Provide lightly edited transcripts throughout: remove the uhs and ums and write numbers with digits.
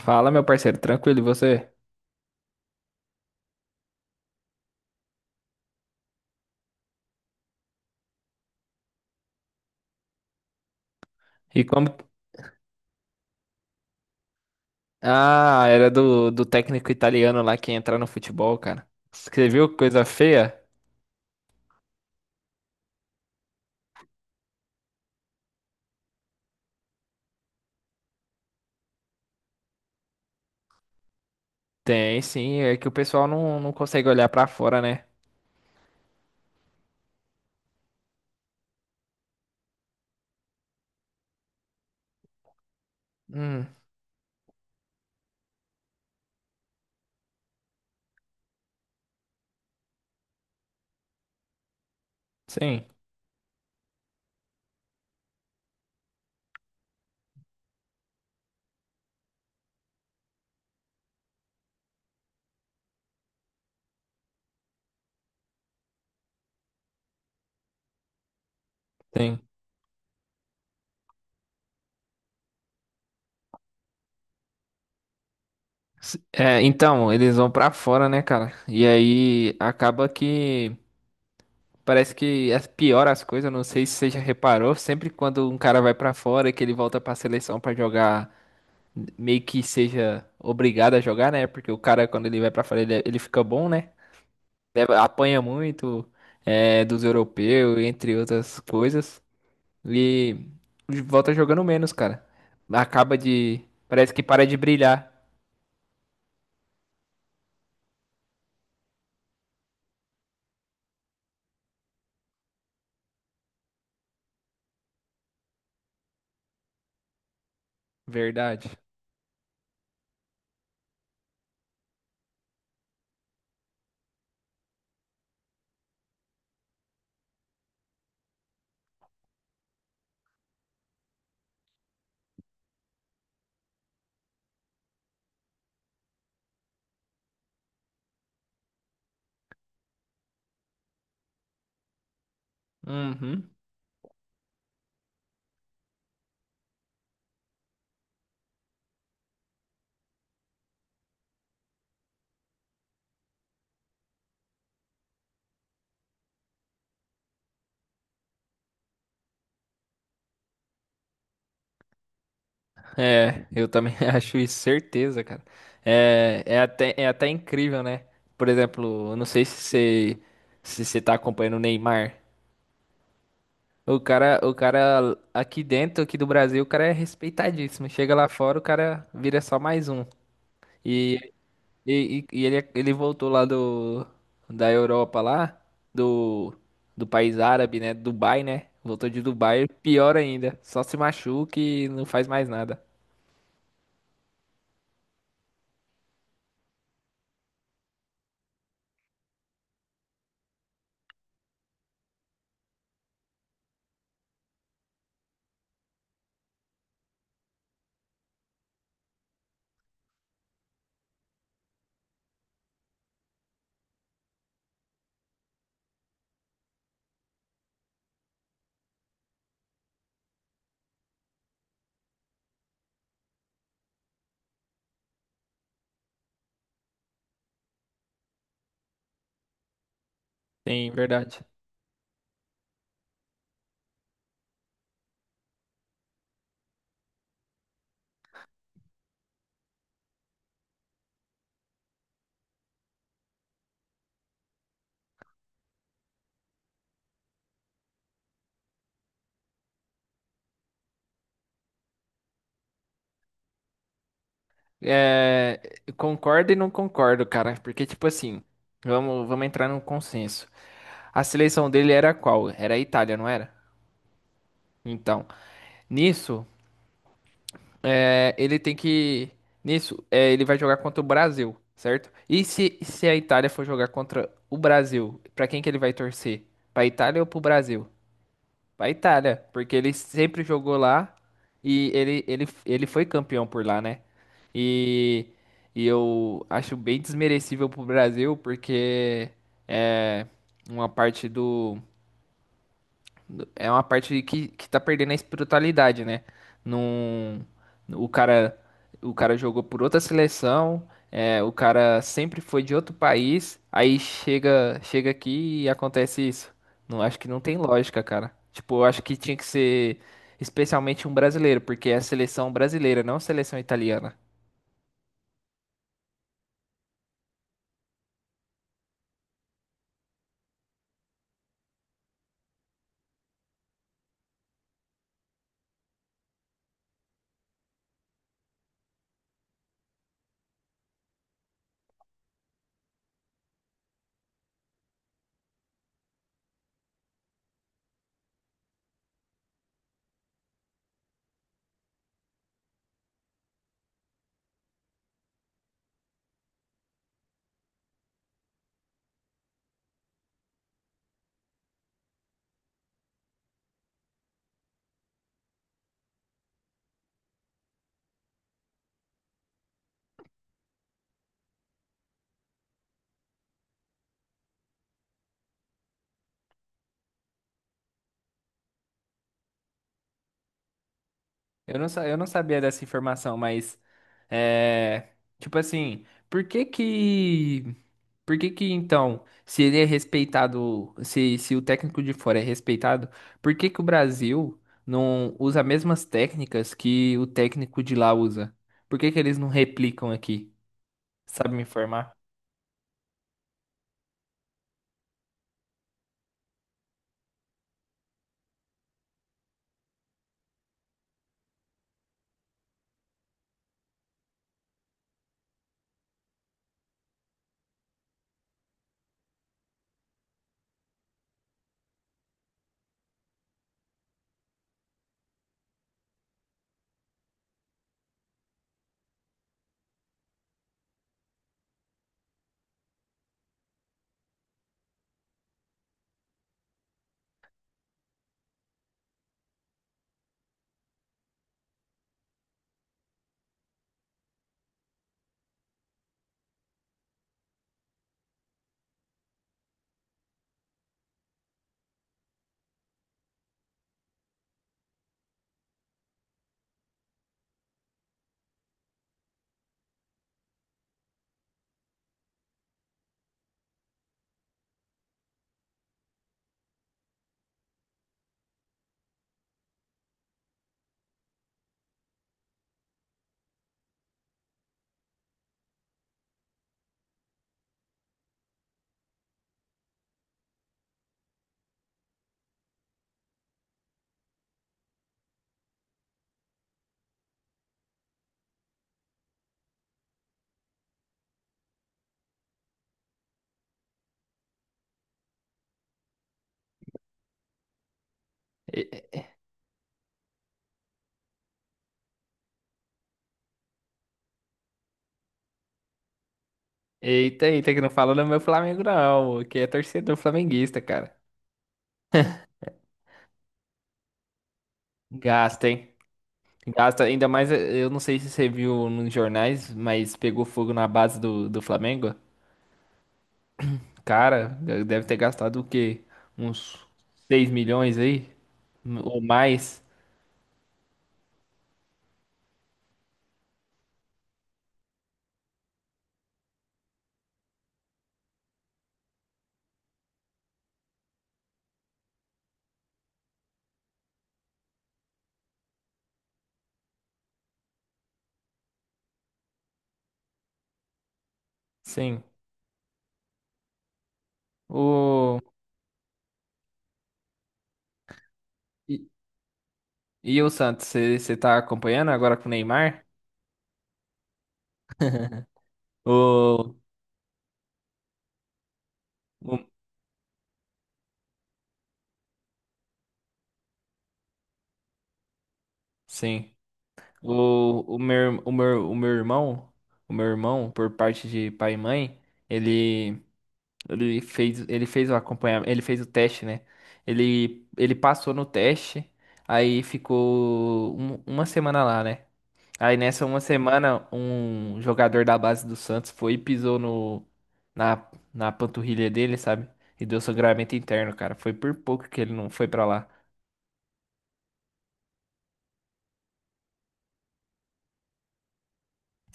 Fala, meu parceiro, tranquilo, e você? E como. Ah, era do técnico italiano lá que ia entrar no futebol, cara. Você viu que coisa feia? Tem, sim, é que o pessoal não consegue olhar pra fora, né? Hum, sim, tem. É, então, eles vão pra fora, né, cara? E aí acaba que parece que as pior as coisas, não sei se você já reparou, sempre quando um cara vai pra fora e que ele volta pra seleção pra jogar meio que seja obrigado a jogar, né? Porque o cara, quando ele vai pra fora, ele fica bom, né? Apanha muito dos europeus, entre outras coisas. E volta jogando menos, cara. Acaba de. Parece que para de brilhar. Verdade. Uhum. É, eu também acho isso, certeza, cara. É até incrível, né? Por exemplo, eu não sei se você tá acompanhando o Neymar. O cara aqui dentro, aqui do Brasil, o cara é respeitadíssimo. Chega lá fora, o cara vira só mais um. E, e ele voltou lá da Europa lá, do, do país árabe, né? Dubai, né? Voltou de Dubai, pior ainda. Só se machuca e não faz mais nada. Sim, verdade. É, eu concordo e não concordo, cara. Porque, tipo assim, vamos entrar num consenso. A seleção dele era qual? Era a Itália, não era? Então, nisso. É, ele tem que. Nisso, ele vai jogar contra o Brasil, certo? E se a Itália for jogar contra o Brasil, pra quem que ele vai torcer? Pra Itália ou pro Brasil? Pra Itália, porque ele sempre jogou lá e ele foi campeão por lá, né? E, e eu acho bem desmerecível pro Brasil, porque é uma parte do. É uma parte que tá perdendo a espiritualidade, né? Num, o cara, o cara jogou por outra seleção, o cara sempre foi de outro país, aí chega aqui e acontece isso. Não, acho que não tem lógica, cara. Tipo, eu acho que tinha que ser especialmente um brasileiro, porque é a seleção brasileira, não a seleção italiana. Eu não sabia dessa informação, mas é, tipo assim, por que que então, se ele é respeitado, se o técnico de fora é respeitado, por que que o Brasil não usa as mesmas técnicas que o técnico de lá usa? Por que que eles não replicam aqui? Sabe me informar? E- Eita, eita, que não fala do meu Flamengo não, que é torcedor flamenguista, cara. Gasta, hein? Gasta, ainda mais, eu não sei se você viu nos jornais, mas pegou fogo na base do Flamengo. Cara, deve ter gastado o quê? Uns 6 milhões aí? Ou mais? Sim. O... E, e o Santos, você tá acompanhando agora com o Neymar? O, o- sim. O meu, o meu, o meu irmão, por parte de pai e mãe, ele, ele fez o acompanhamento, ele fez o teste, né? Ele passou no teste, aí ficou uma semana lá, né? Aí nessa uma semana, um jogador da base do Santos foi e pisou no, na, na panturrilha dele, sabe? E deu sangramento interno, cara. Foi por pouco que ele não foi pra lá.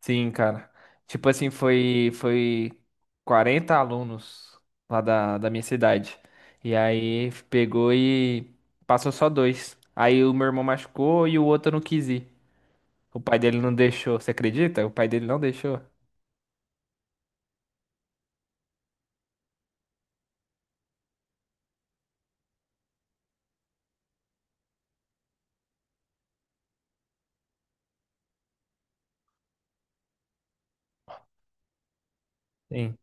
Sim, cara. Tipo assim, foi 40 alunos lá da minha cidade. E aí pegou e passou só dois. Aí o meu irmão machucou e o outro não quis ir. O pai dele não deixou. Você acredita? O pai dele não deixou. Sim.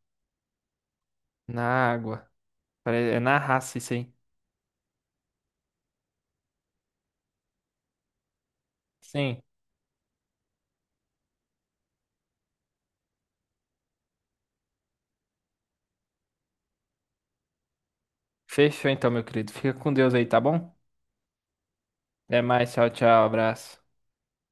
Na água. É na raça isso aí. Sim. Fechou então, meu querido. Fica com Deus aí, tá bom? Até mais, tchau, tchau, abraço.